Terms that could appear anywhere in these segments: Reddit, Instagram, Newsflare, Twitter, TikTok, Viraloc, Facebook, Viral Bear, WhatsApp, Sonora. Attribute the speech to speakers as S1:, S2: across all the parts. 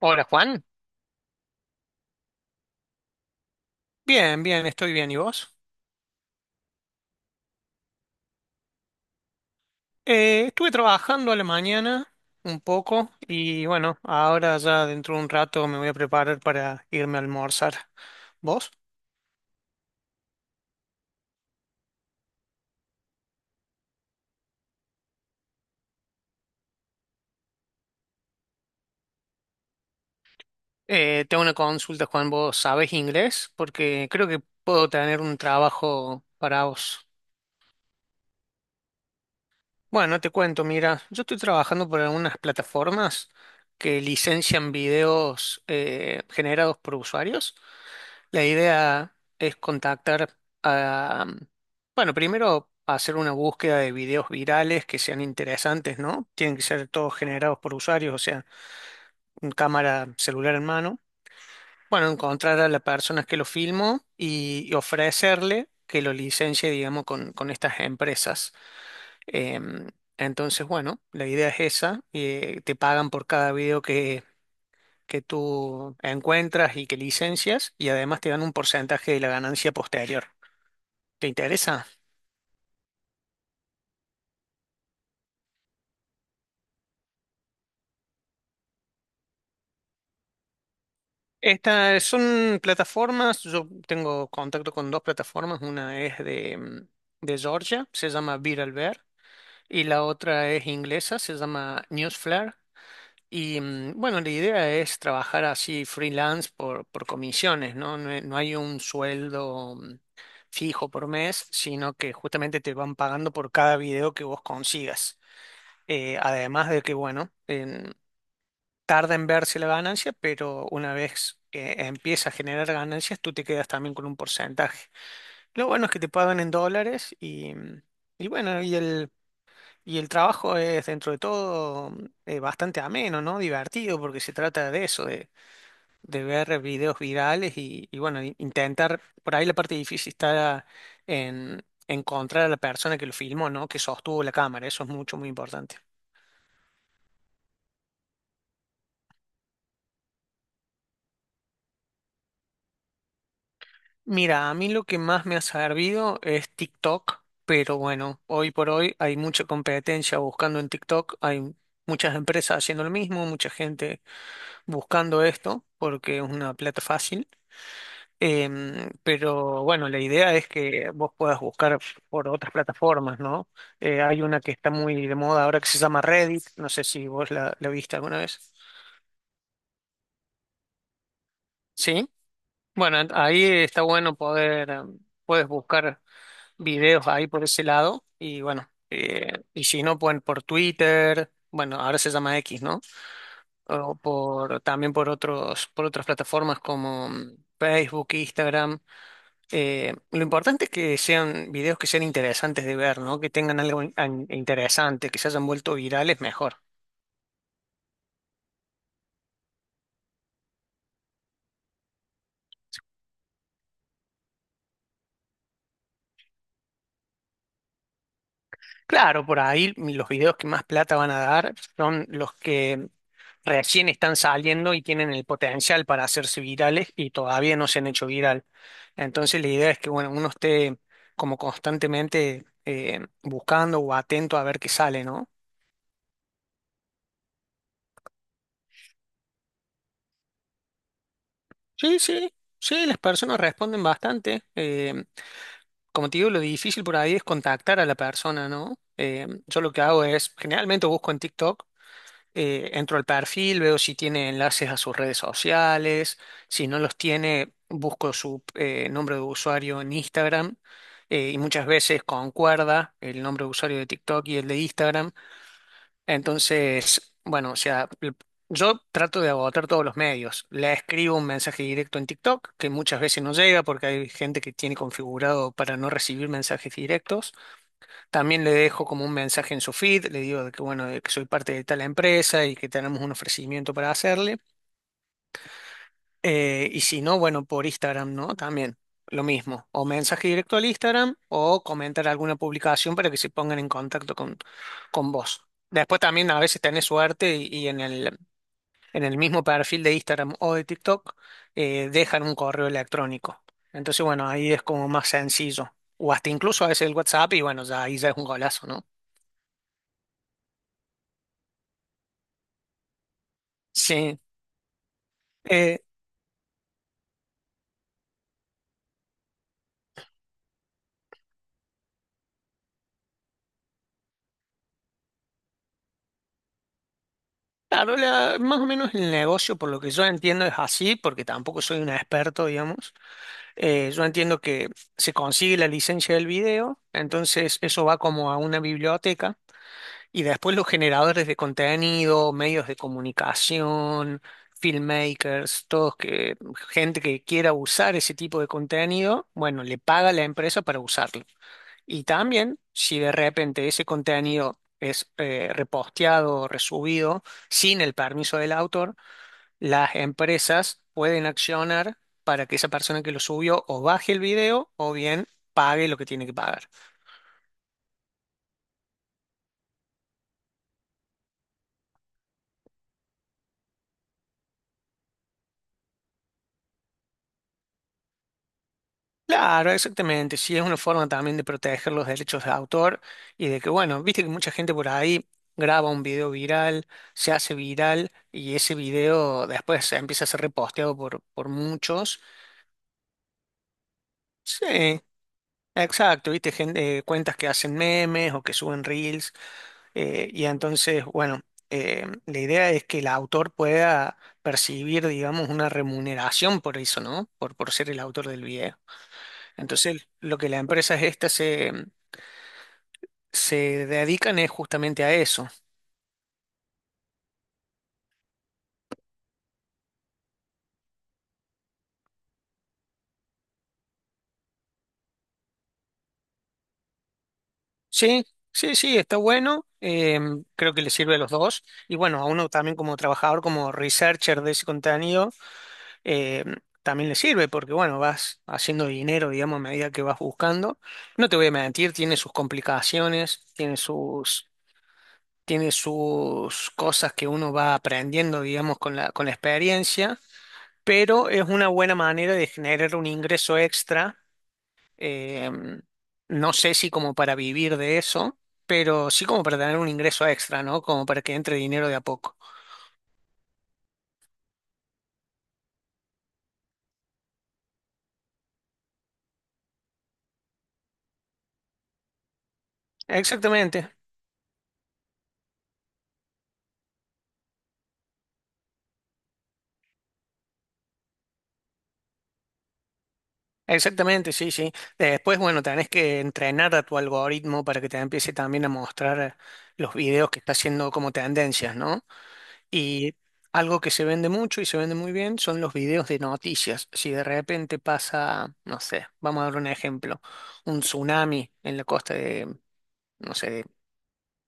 S1: Hola Juan, bien, bien, estoy bien. ¿Y vos? Estuve trabajando a la mañana un poco y bueno, ahora ya dentro de un rato me voy a preparar para irme a almorzar. ¿Vos? Tengo una consulta, Juan. ¿Vos sabés inglés? Porque creo que puedo tener un trabajo para vos. Bueno, te cuento, mira, yo estoy trabajando por algunas plataformas que licencian videos generados por usuarios. La idea es contactar a, bueno, primero hacer una búsqueda de videos virales que sean interesantes, ¿no? Tienen que ser todos generados por usuarios, o sea, un cámara celular en mano. Bueno, encontrar a la persona que lo filmó y ofrecerle que lo licencie, digamos, con estas empresas. Em, entonces, bueno, la idea es esa. Te pagan por cada video que tú encuentras y que licencias, y además te dan un porcentaje de la ganancia posterior. ¿Te interesa? Estas son plataformas, yo tengo contacto con dos plataformas, una es de Georgia, se llama Viral Bear, y la otra es inglesa, se llama Newsflare. Y bueno, la idea es trabajar así freelance por comisiones, ¿no? No, no hay un sueldo fijo por mes, sino que justamente te van pagando por cada video que vos consigas. Además de que, bueno, tarda en verse la ganancia, pero una vez que empieza a generar ganancias, tú te quedas también con un porcentaje. Lo bueno es que te pagan en dólares, y bueno, y el trabajo es dentro de todo bastante ameno, ¿no? Divertido, porque se trata de eso, de ver videos virales y bueno, intentar, por ahí la parte difícil está en encontrar a la persona que lo filmó, ¿no? Que sostuvo la cámara, eso es mucho, muy importante. Mira, a mí lo que más me ha servido es TikTok, pero bueno, hoy por hoy hay mucha competencia buscando en TikTok, hay muchas empresas haciendo lo mismo, mucha gente buscando esto porque es una plata fácil. Pero bueno, la idea es que vos puedas buscar por otras plataformas, ¿no? Hay una que está muy de moda ahora que se llama Reddit, no sé si vos la viste alguna vez. Sí, bueno, ahí está bueno poder, puedes buscar videos ahí por ese lado. Y bueno, y si no, pueden por Twitter, bueno, ahora se llama X, ¿no? O también por otras plataformas como Facebook, Instagram. Lo importante es que sean videos que sean interesantes de ver, ¿no? Que tengan algo interesante, que se hayan vuelto virales, mejor. Claro, por ahí los videos que más plata van a dar son los que recién están saliendo y tienen el potencial para hacerse virales y todavía no se han hecho viral. Entonces la idea es que bueno, uno esté como constantemente buscando o atento a ver qué sale, ¿no? Sí, sí, sí, las personas responden bastante. Como te digo, lo difícil por ahí es contactar a la persona, ¿no? Yo lo que hago es, generalmente busco en TikTok, entro al perfil, veo si tiene enlaces a sus redes sociales, si no los tiene, busco su nombre de usuario en Instagram, y muchas veces concuerda el nombre de usuario de TikTok y el de Instagram. Entonces, bueno, o sea, yo trato de agotar todos los medios. Le escribo un mensaje directo en TikTok, que muchas veces no llega porque hay gente que tiene configurado para no recibir mensajes directos. También le dejo como un mensaje en su feed, le digo de que bueno, de que soy parte de tal empresa y que tenemos un ofrecimiento para hacerle. Y si no, bueno, por Instagram, ¿no? También lo mismo. O mensaje directo al Instagram o comentar alguna publicación para que se pongan en contacto con vos. Después también a veces tenés suerte, y en el mismo perfil de Instagram o de TikTok dejan un correo electrónico. Entonces, bueno, ahí es como más sencillo. O hasta incluso a veces el WhatsApp y bueno, ya ahí ya es un golazo, ¿no? Sí. Eh, claro, más o menos el negocio, por lo que yo entiendo, es así, porque tampoco soy un experto, digamos. Yo entiendo que se consigue la licencia del video, entonces eso va como a una biblioteca. Y después los generadores de contenido, medios de comunicación, filmmakers, todos que, gente que quiera usar ese tipo de contenido, bueno, le paga a la empresa para usarlo. Y también, si de repente ese contenido es reposteado o resubido sin el permiso del autor, las empresas pueden accionar para que esa persona que lo subió o baje el video o bien pague lo que tiene que pagar. Claro, exactamente. Sí, es una forma también de proteger los derechos de autor y de que, bueno, viste que mucha gente por ahí graba un video viral, se hace viral y ese video después empieza a ser reposteado por muchos. Sí, exacto, viste, gente, cuentas que hacen memes o que suben reels, y entonces, bueno, la idea es que el autor pueda percibir, digamos, una remuneración por eso, ¿no? Por ser el autor del video. Entonces, lo que la empresa esta se dedican es justamente a eso. Sí, sí, sí, está bueno. Creo que le sirve a los dos. Y bueno, a uno también como trabajador, como researcher de ese contenido, eh, también le sirve porque, bueno, vas haciendo dinero, digamos, a medida que vas buscando. No te voy a mentir, tiene sus complicaciones, tiene sus cosas que uno va aprendiendo, digamos, con la experiencia. Pero es una buena manera de generar un ingreso extra. Eh, no sé si como para vivir de eso, pero sí como para tener un ingreso extra, ¿no? Como para que entre dinero de a poco. Exactamente, exactamente, sí, sí. Después, bueno, tenés que entrenar a tu algoritmo para que te empiece también a mostrar los videos que está haciendo como tendencias, ¿no? Y algo que se vende mucho y se vende muy bien son los videos de noticias. Si de repente pasa, no sé, vamos a dar un ejemplo, un tsunami en la costa de, no sé,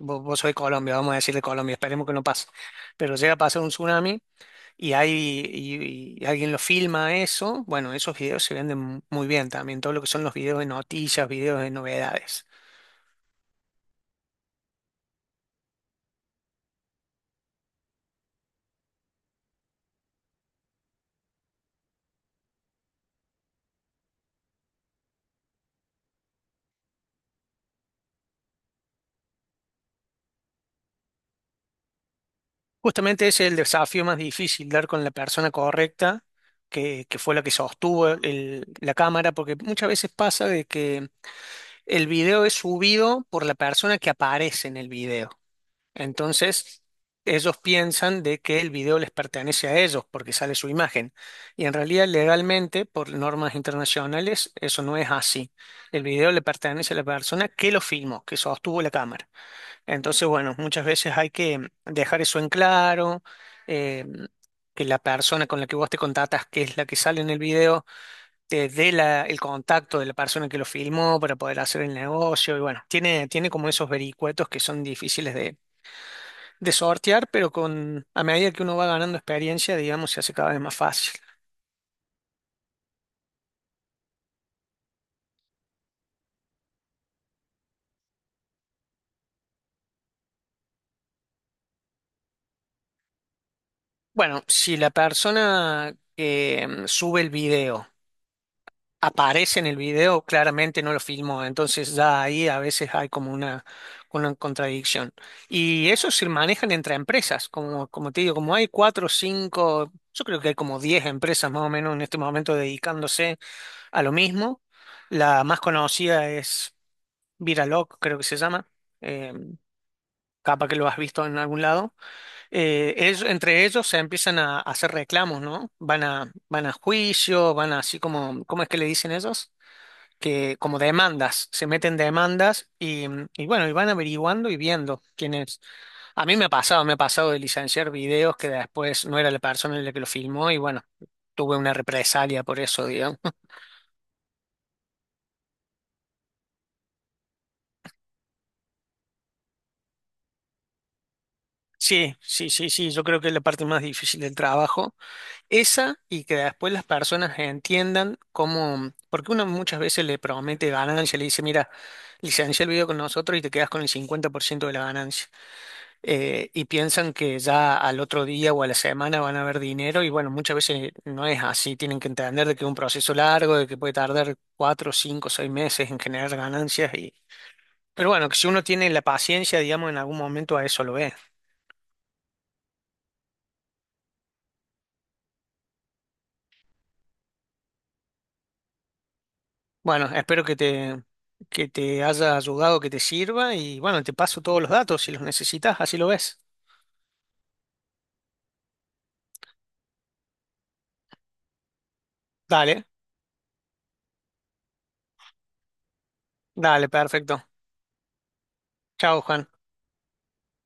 S1: vos sois Colombia, vamos a decirle Colombia, esperemos que no pase. Pero llega a pasar un tsunami y alguien lo filma eso, bueno, esos videos se venden muy bien también, todo lo que son los videos de noticias, videos de novedades. Justamente ese es el desafío más difícil, dar con la persona correcta, que fue la que sostuvo la cámara, porque muchas veces pasa de que el video es subido por la persona que aparece en el video. Entonces, ellos piensan de que el video les pertenece a ellos porque sale su imagen. Y en realidad, legalmente, por normas internacionales, eso no es así. El video le pertenece a la persona que lo filmó, que sostuvo la cámara. Entonces, bueno, muchas veces hay que dejar eso en claro, eh, que la persona con la que vos te contactas, que es la que sale en el video, te dé el contacto de la persona que lo filmó para poder hacer el negocio. Y bueno, tiene como esos vericuetos que son difíciles de sortear, pero a medida que uno va ganando experiencia, digamos, se hace cada vez más fácil. Bueno, si la persona que sube el video aparece en el video, claramente no lo filmó, entonces ya ahí a veces hay como una contradicción. Y eso se manejan entre empresas, como te digo, como hay cuatro o cinco, yo creo que hay como 10 empresas más o menos en este momento dedicándose a lo mismo. La más conocida es Viraloc, creo que se llama. Eh, Capaz que lo has visto en algún lado, entre ellos se empiezan a hacer reclamos, ¿no? Van a juicio, van a así como, ¿cómo es que le dicen ellos? Que como demandas, se meten demandas y bueno, y van averiguando y viendo quién es. A mí me ha pasado de licenciar videos que después no era la persona la que lo filmó y bueno, tuve una represalia por eso, digamos. Sí, sí, sí, sí, yo creo que es la parte más difícil del trabajo. Esa y que después las personas entiendan cómo, porque uno muchas veces le promete ganancia, le dice, mira, licencia el video con nosotros y te quedas con el 50% de la ganancia. Y piensan que ya al otro día o a la semana van a ver dinero y bueno, muchas veces no es así, tienen que entender de que es un proceso largo, de que puede tardar 4, 5, 6 meses en generar ganancias. Y... Pero bueno, que si uno tiene la paciencia, digamos, en algún momento a eso lo ve. Bueno, espero que te, haya ayudado, que te sirva y bueno, te paso todos los datos si los necesitas, así lo ves. Dale, dale, perfecto. Chao, Juan.